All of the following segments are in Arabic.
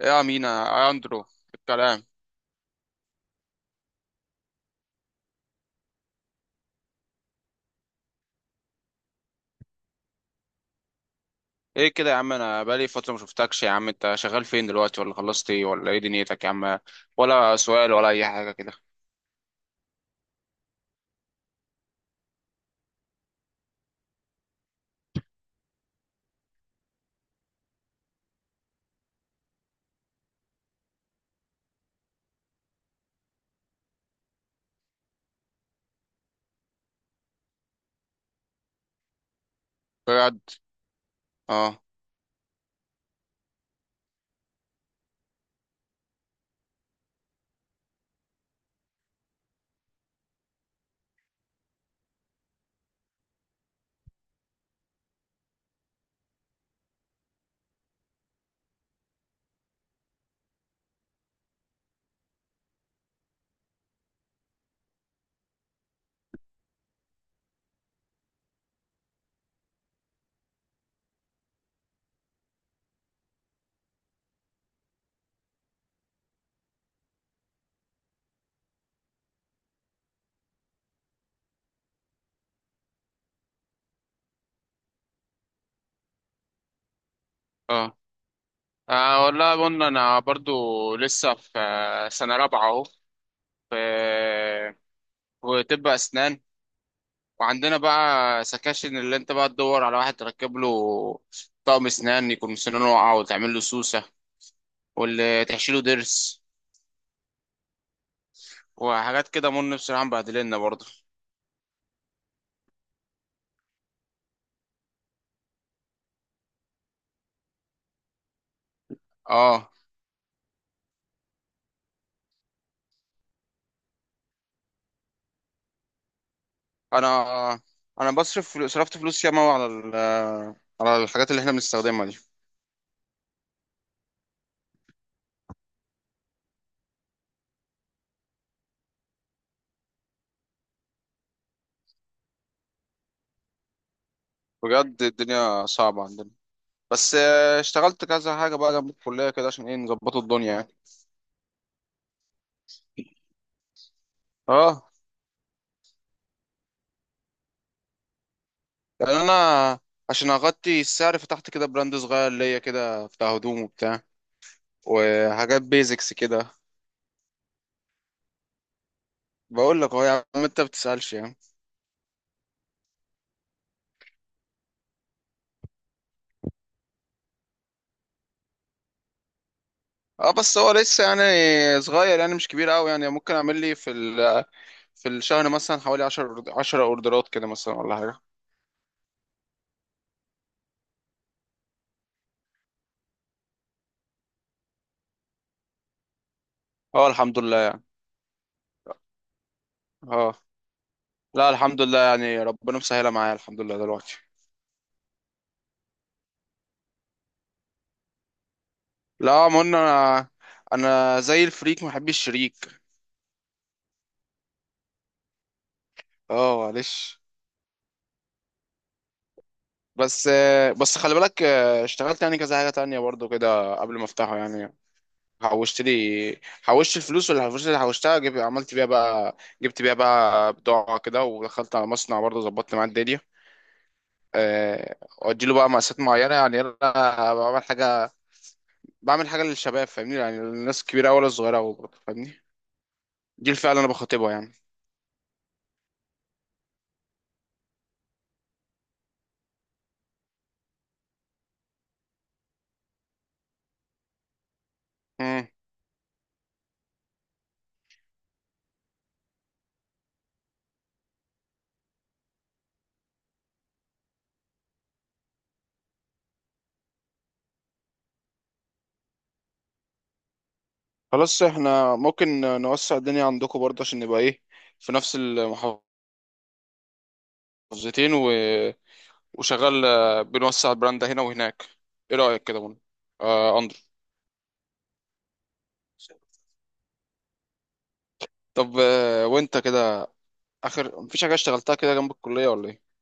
ايه يا مينا يا اندرو الكلام؟ ايه كده يا عم؟ انا بقالي فتره ما شفتكش يا عم. انت شغال فين دلوقتي، ولا خلصت ايه، ولا ايه دنيتك يا عم؟ ولا سؤال ولا اي حاجه كده؟ بجد. اه اه والله قلنا انا برضو لسه في سنه رابعه اهو، في في طب اسنان. وعندنا بقى سكاشن اللي انت بقى تدور على واحد تركب له طقم اسنان، يكون سنانه واقعه وتعمل له سوسه، واللي تحشيله ضرس، وحاجات كده. من بصراحه مبهدلنا برضه. اه، انا انا بصرف صرفت فلوس ياما أوي على على الحاجات اللي احنا بنستخدمها دي. بجد الدنيا صعبة عندنا. بس اشتغلت كذا حاجة بقى جنب الكلية كده عشان ايه، نظبطوا الدنيا يعني. اه. يعني انا عشان اغطي السعر فتحت كده براند صغير ليا كده، بتاع هدوم وبتاع وحاجات بيزكس كده. بقول لك اهو يا عم، انت بتسألش يعني. اه بس هو لسه يعني صغير، يعني مش كبير قوي، يعني ممكن اعمل لي في في الشهر مثلا حوالي 10 اوردرات كده مثلا ولا حاجة. اه الحمد لله. اه لا الحمد لله، يعني ربنا مسهلها معايا الحمد لله دلوقتي. لا ما قلنا انا، زي الفريك ما بحبش الشريك. اه معلش. بس، بس خلي بالك اشتغلت يعني كذا حاجة تانية برضو كده قبل ما افتحه يعني. حوشت لي، حوشت الفلوس، واللي الفلوس اللي حوشتها عملت بيها بقى، جبت بيها بقى بضاعة كده. ودخلت على مصنع برضه، ظبطت معاه الدنيا. اديله بقى مقاسات معينة. يعني انا بعمل حاجة، بعمل حاجة للشباب فاهمني، يعني الناس الكبيرة ولا الصغيرة برضه فاهمني. دي الفئة اللي انا بخاطبها يعني. مم. خلاص احنا ممكن نوسع الدنيا عندكم برضه عشان نبقى ايه، في نفس المحافظتين. و... وشغال بنوسع البراند هنا وهناك. ايه رأيك كده من، آه، اندرو؟ طب وانت كده اخر مفيش حاجة اشتغلتها كده جنب الكلية ولا ايه؟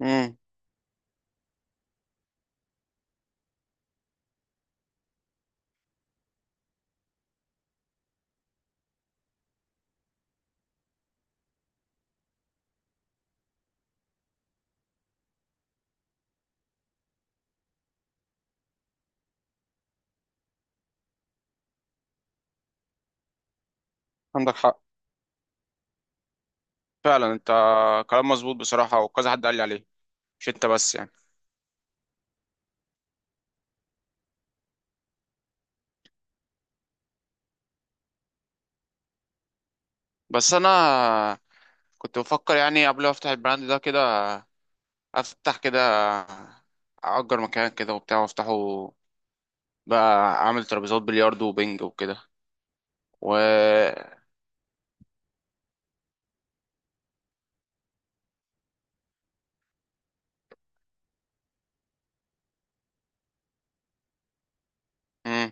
امم عندك حق، فعلا انت كلام مظبوط بصراحة، وكذا حد قال لي عليه مش انت بس يعني. بس انا كنت بفكر يعني قبل ما افتح البراند ده كده، افتح كده اجر مكان كده وبتاع وافتحه بقى، اعمل ترابيزات بلياردو وبنج وكده. و مم.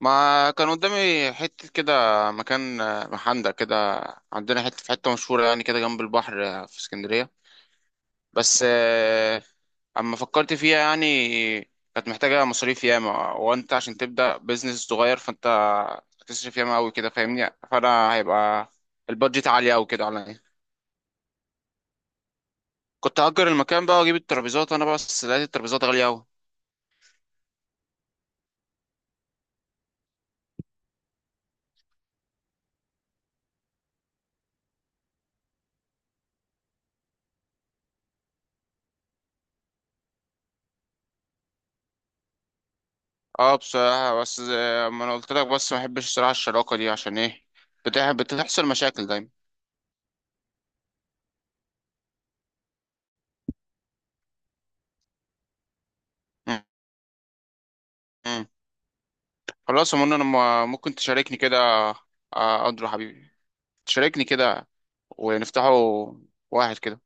ما كان قدامي حتة كده، مكان محندق كده عندنا، حتة في حتة مشهورة يعني كده جنب البحر في اسكندرية. بس اما فكرت فيها يعني، كانت محتاجة مصاريف ياما. وانت عشان تبدأ بيزنس صغير فانت هتصرف ياما قوي كده فاهمني. فانا هيبقى البادجت عالية قوي كده عليا. كنت هأجر المكان بقى واجيب الترابيزات انا، بس لقيت الترابيزات غالية اوي. اه بصراحة بس زي ما انا قلت لك، بس ما بحبش الصراحة الشراكة دي، عشان ايه؟ بتحصل مشاكل دايما. م- م. خلاص يا منى انا، ممكن تشاركني كده، آه، اندرو حبيبي، تشاركني كده ونفتحه واحد كده.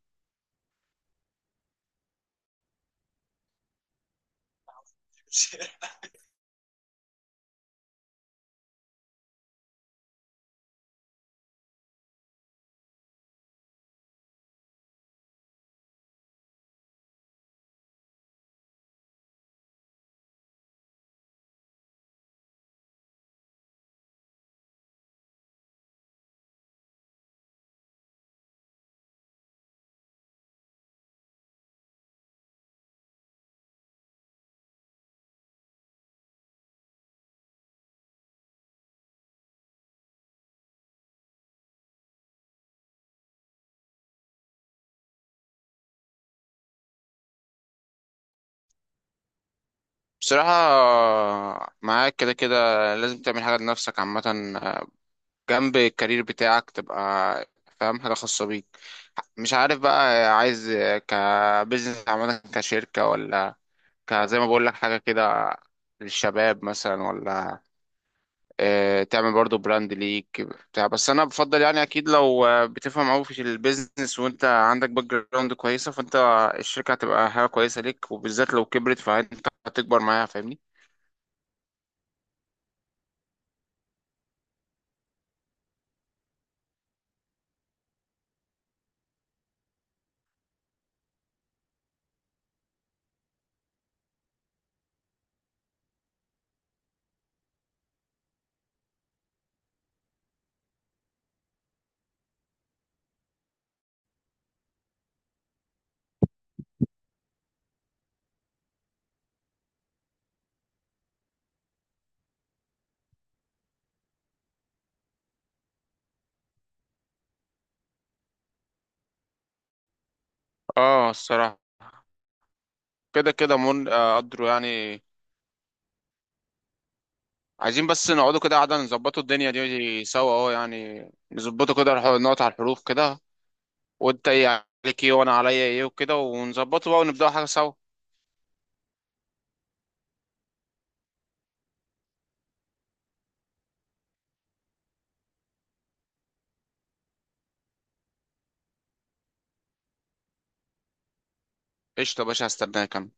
بصراحة معاك كده كده، لازم تعمل حاجة لنفسك عامة، آه، جنب الكارير بتاعك، تبقى فاهم حاجة خاصة بيك. مش عارف بقى، عايز كبزنس عامة كشركة، ولا كزي ما بقول لك حاجة كده للشباب مثلا، ولا تعمل برضو براند ليك بتاع. بس انا بفضل يعني، اكيد لو بتفهم قوي في البيزنس وانت عندك باك جراوند كويسة، فانت الشركة هتبقى حاجة كويسة ليك، وبالذات لو كبرت فانت هتكبر معاها فاهمني. اه الصراحة كده كده من، قدروا يعني، عايزين بس نقعدوا كده قعدة نظبطوا الدنيا دي سوا اه يعني. نظبطوا كده، نقعد على الحروف كده، وانت ايه عليك ايه، وانا عليا ايه، وكده ونظبطه بقى ونبدأ حاجة سوا. قشطة يا باشا، هستناك انا.